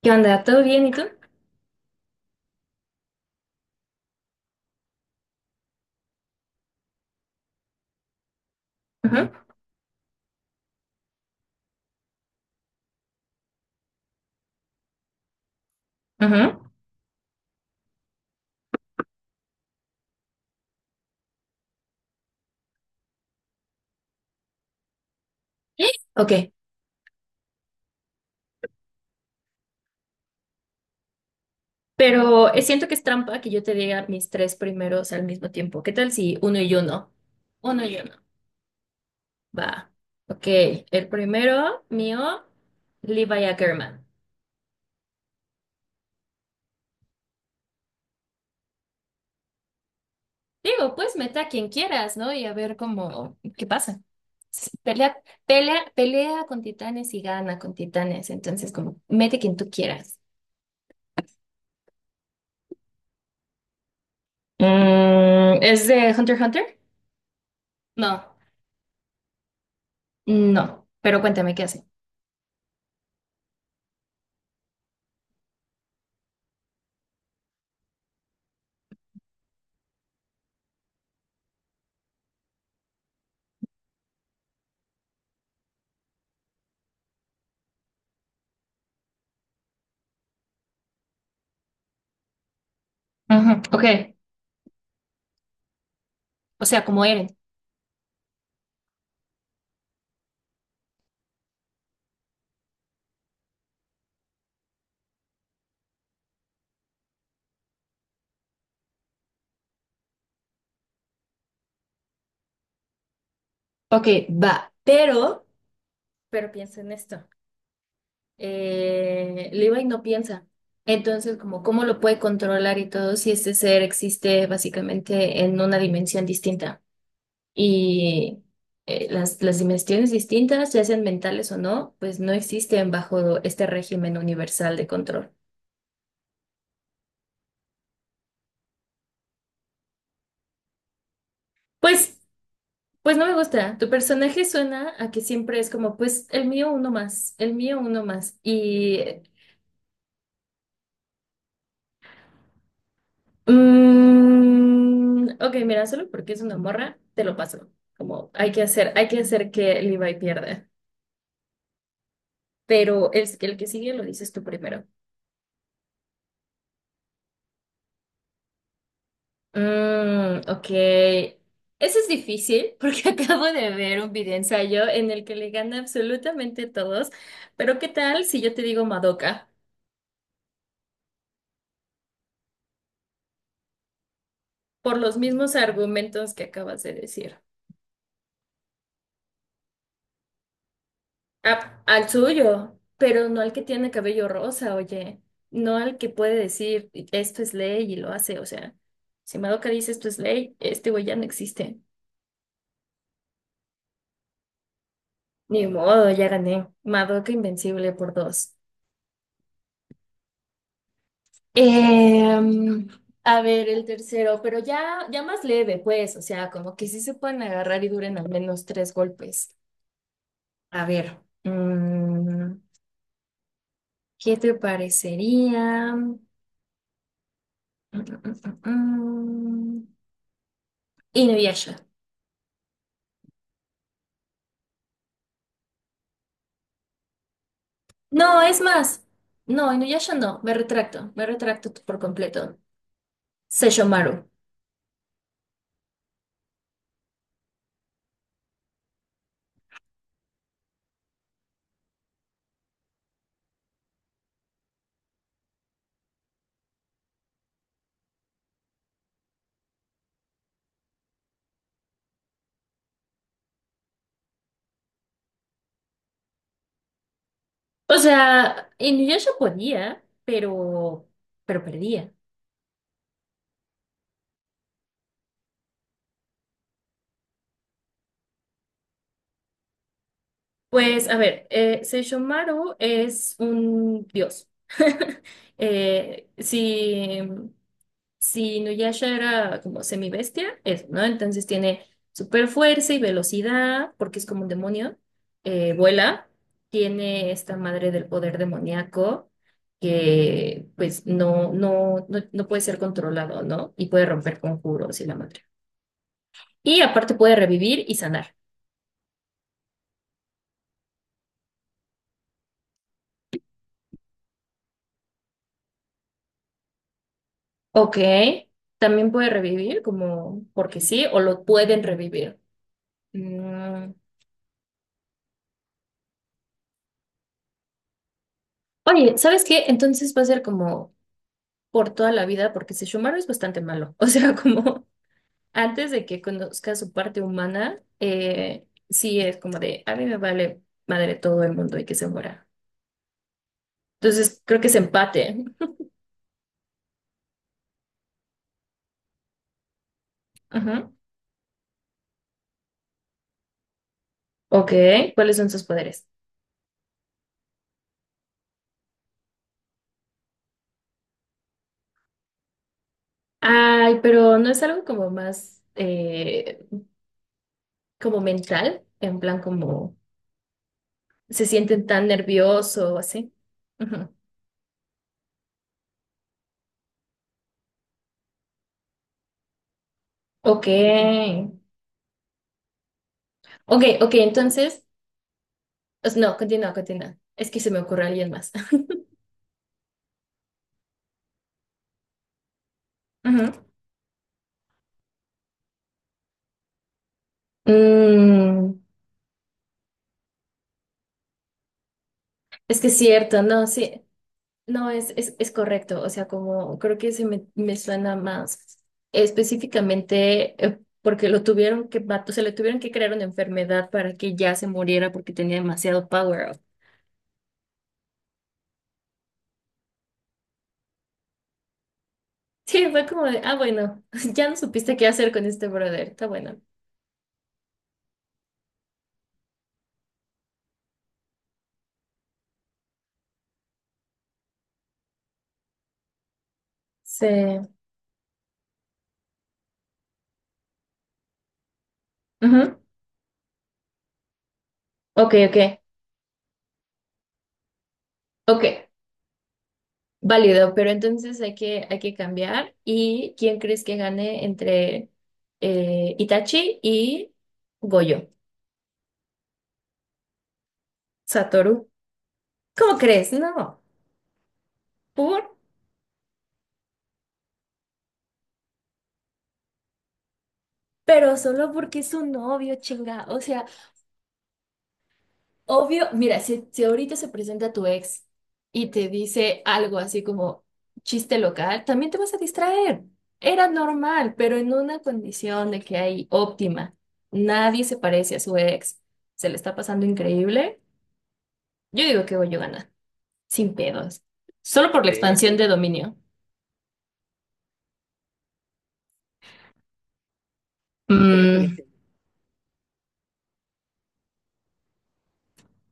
¿Qué onda? ¿Todo bien? ¿Y tú? Ujú, ujú. Ok, pero siento que es trampa que yo te diga mis tres primeros al mismo tiempo. ¿Qué tal si uno y uno? Uno y uno. Va. Ok, el primero mío, Levi Ackerman. Digo, pues meta a quien quieras, ¿no? Y a ver cómo, qué pasa. Pelea, pelea, pelea con titanes y gana con titanes. Entonces, como, mete quien tú quieras. Mm, ¿es de Hunter x Hunter? No. No, pero cuéntame qué hace. Ujú, ok, o sea, como Eren. Ok, va, pero piensa en esto. Levi no piensa. Entonces, como, ¿cómo lo puede controlar y todo si este ser existe básicamente en una dimensión distinta? Y las dimensiones distintas, ya sean mentales o no, pues no existen bajo este régimen universal de control. Pues, pues no me gusta. Tu personaje suena a que siempre es como, pues el mío uno más, el mío uno más. Y mm, ok, mira, solo porque es una morra, te lo paso. Como hay que hacer que Levi pierda. Pero el que sigue lo dices tú primero. Mm, ok. Ese es difícil porque acabo de ver un video ensayo en el que le gana absolutamente a todos. Pero ¿qué tal si yo te digo Madoka? Por los mismos argumentos que acabas de decir. Al suyo, pero no al que tiene cabello rosa, oye, no al que puede decir esto es ley y lo hace, o sea, si Madoka dice esto es ley, este güey ya no existe. Ni modo, ya gané. Madoka invencible por dos. Em, a ver, el tercero, pero ya, ya más leve, pues, o sea, como que sí se pueden agarrar y duren al menos tres golpes. A ver, ¿qué te parecería? Mm, mm, mm, mm. Inuyasha. No, es más. No, Inuyasha no. Me retracto. Me retracto por completo. Sesshomaru. O sea, Inuyasha podía, pero perdía. Pues, a ver, Seishomaru es un dios. Eh, si Si Nuyasha era como semibestia, eso, ¿no? Entonces tiene super fuerza y velocidad, porque es como un demonio. Vuela, tiene esta madre del poder demoníaco que pues no, no, no, no puede ser controlado, ¿no? Y puede romper conjuros y la madre. Y aparte puede revivir y sanar. Ok, también puede revivir, como porque sí, o lo pueden revivir. Mm. Oye, ¿sabes qué? Entonces va a ser como por toda la vida, porque Sesshomaru es bastante malo. O sea, como antes de que conozca su parte humana, sí es como de, a mí me vale madre todo el mundo y que se muera. Entonces, creo que es empate. Ajá. Ok, ¿cuáles son sus poderes? Ay, pero no es algo como más, como mental, en plan como se sienten tan nervioso o así. Ujú. Ok, ok, ok, entonces, pues, no, continúa, continúa. Es que se me ocurre alguien más. Ujú. Mm, es que es cierto, no, sí, no, es correcto, o sea, como creo que me suena más específicamente porque lo tuvieron que, o sea, le tuvieron que crear una enfermedad para que ya se muriera porque tenía demasiado power up. Sí, fue como de, ah, bueno, ya no supiste qué hacer con este brother, está bueno. Sí. Ujú. Ok, ok, ok. Válido, pero entonces hay que cambiar. ¿Y quién crees que gane entre Itachi y Goyo? Satoru. ¿Cómo crees? No. ¿Por? Pero solo porque es un novio, chinga. O sea, obvio, mira, si, si ahorita se presenta tu ex y te dice algo así como chiste local, también te vas a distraer. Era normal, pero en una condición de que hay óptima. Nadie se parece a su ex. Se le está pasando increíble. Yo digo que Goyo gana, sin pedos. Solo por la, sí, expansión de dominio. Mm,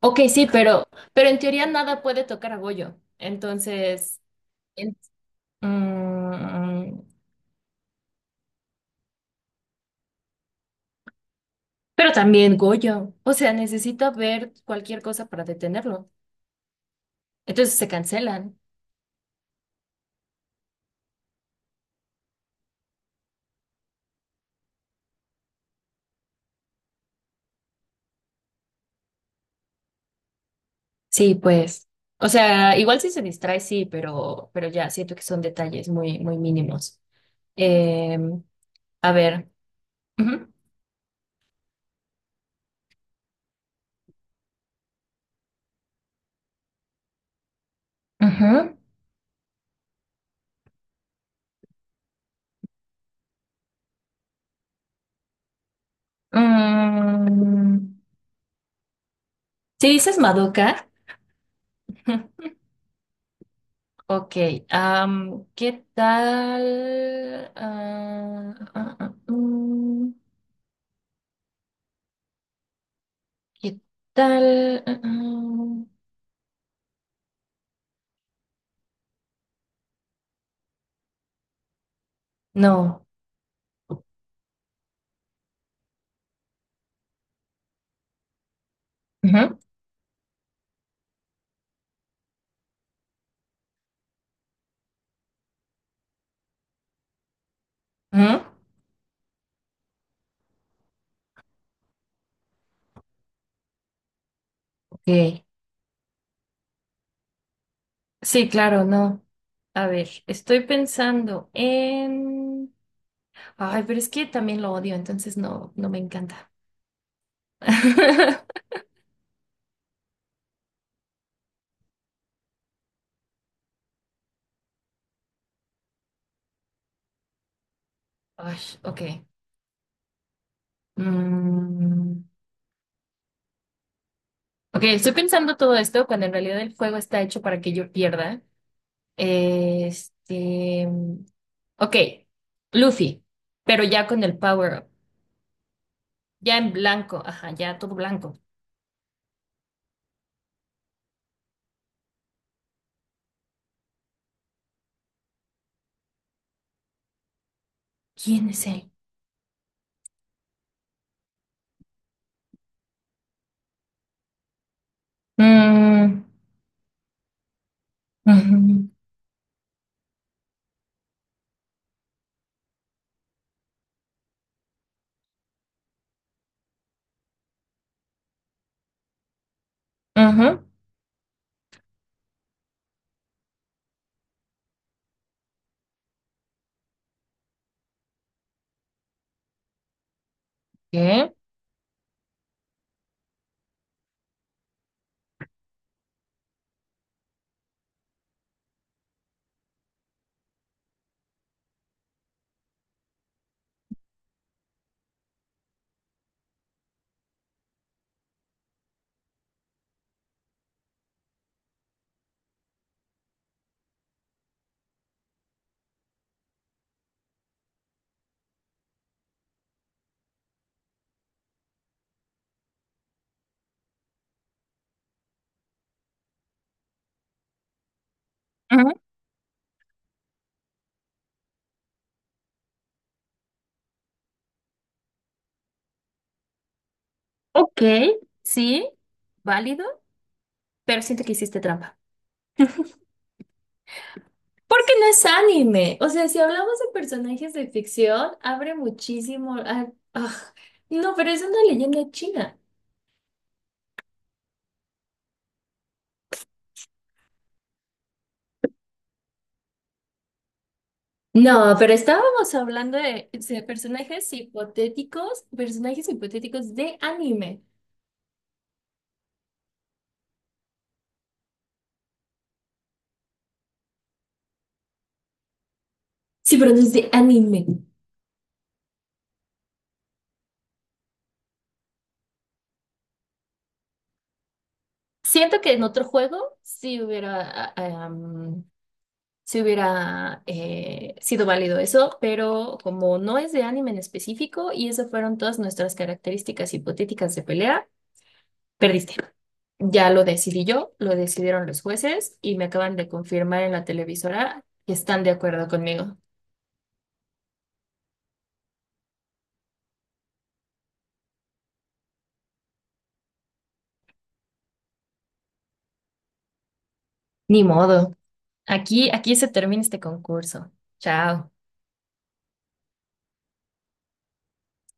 ok, sí, pero en teoría nada puede tocar a Goyo. Entonces, en- mm, pero también Goyo. O sea, necesita ver cualquier cosa para detenerlo. Entonces se cancelan. Sí, pues. O sea, igual si se distrae, sí, pero ya siento que son detalles muy, muy mínimos. Em, a ver. Ujú, ujú. Mm, si dices Madoka, ok. ¿Qué tal? ¿Qué tal? No. Ujú, ujú, ok. Sí, claro, no. A ver, estoy pensando en... Ay, pero es que también lo odio, entonces no, no me encanta. Ay, ok. Mm, ok, estoy pensando todo esto cuando en realidad el juego está hecho para que yo pierda. Este, ok, Luffy, pero ya con el power up, ya en blanco, ajá, ya todo blanco. ¿Quién es él? Mm, ujú, ujú, ¿qué? Ujú, ok, sí, válido, pero siento que hiciste trampa. Porque no es anime. O sea, si hablamos de personajes de ficción, abre muchísimo. Ah, no, pero es una leyenda china. No, pero estábamos hablando de, sí, de personajes hipotéticos de anime. Sí, pero no es de anime. Siento que en otro juego sí hubiera, sí hubiera sido válido eso, pero como no es de anime en específico y esas fueron todas nuestras características hipotéticas de pelea, perdiste. Ya lo decidí yo, lo decidieron los jueces y me acaban de confirmar en la televisora que están de acuerdo conmigo. Ni modo. Aquí, aquí se termina este concurso. Chao.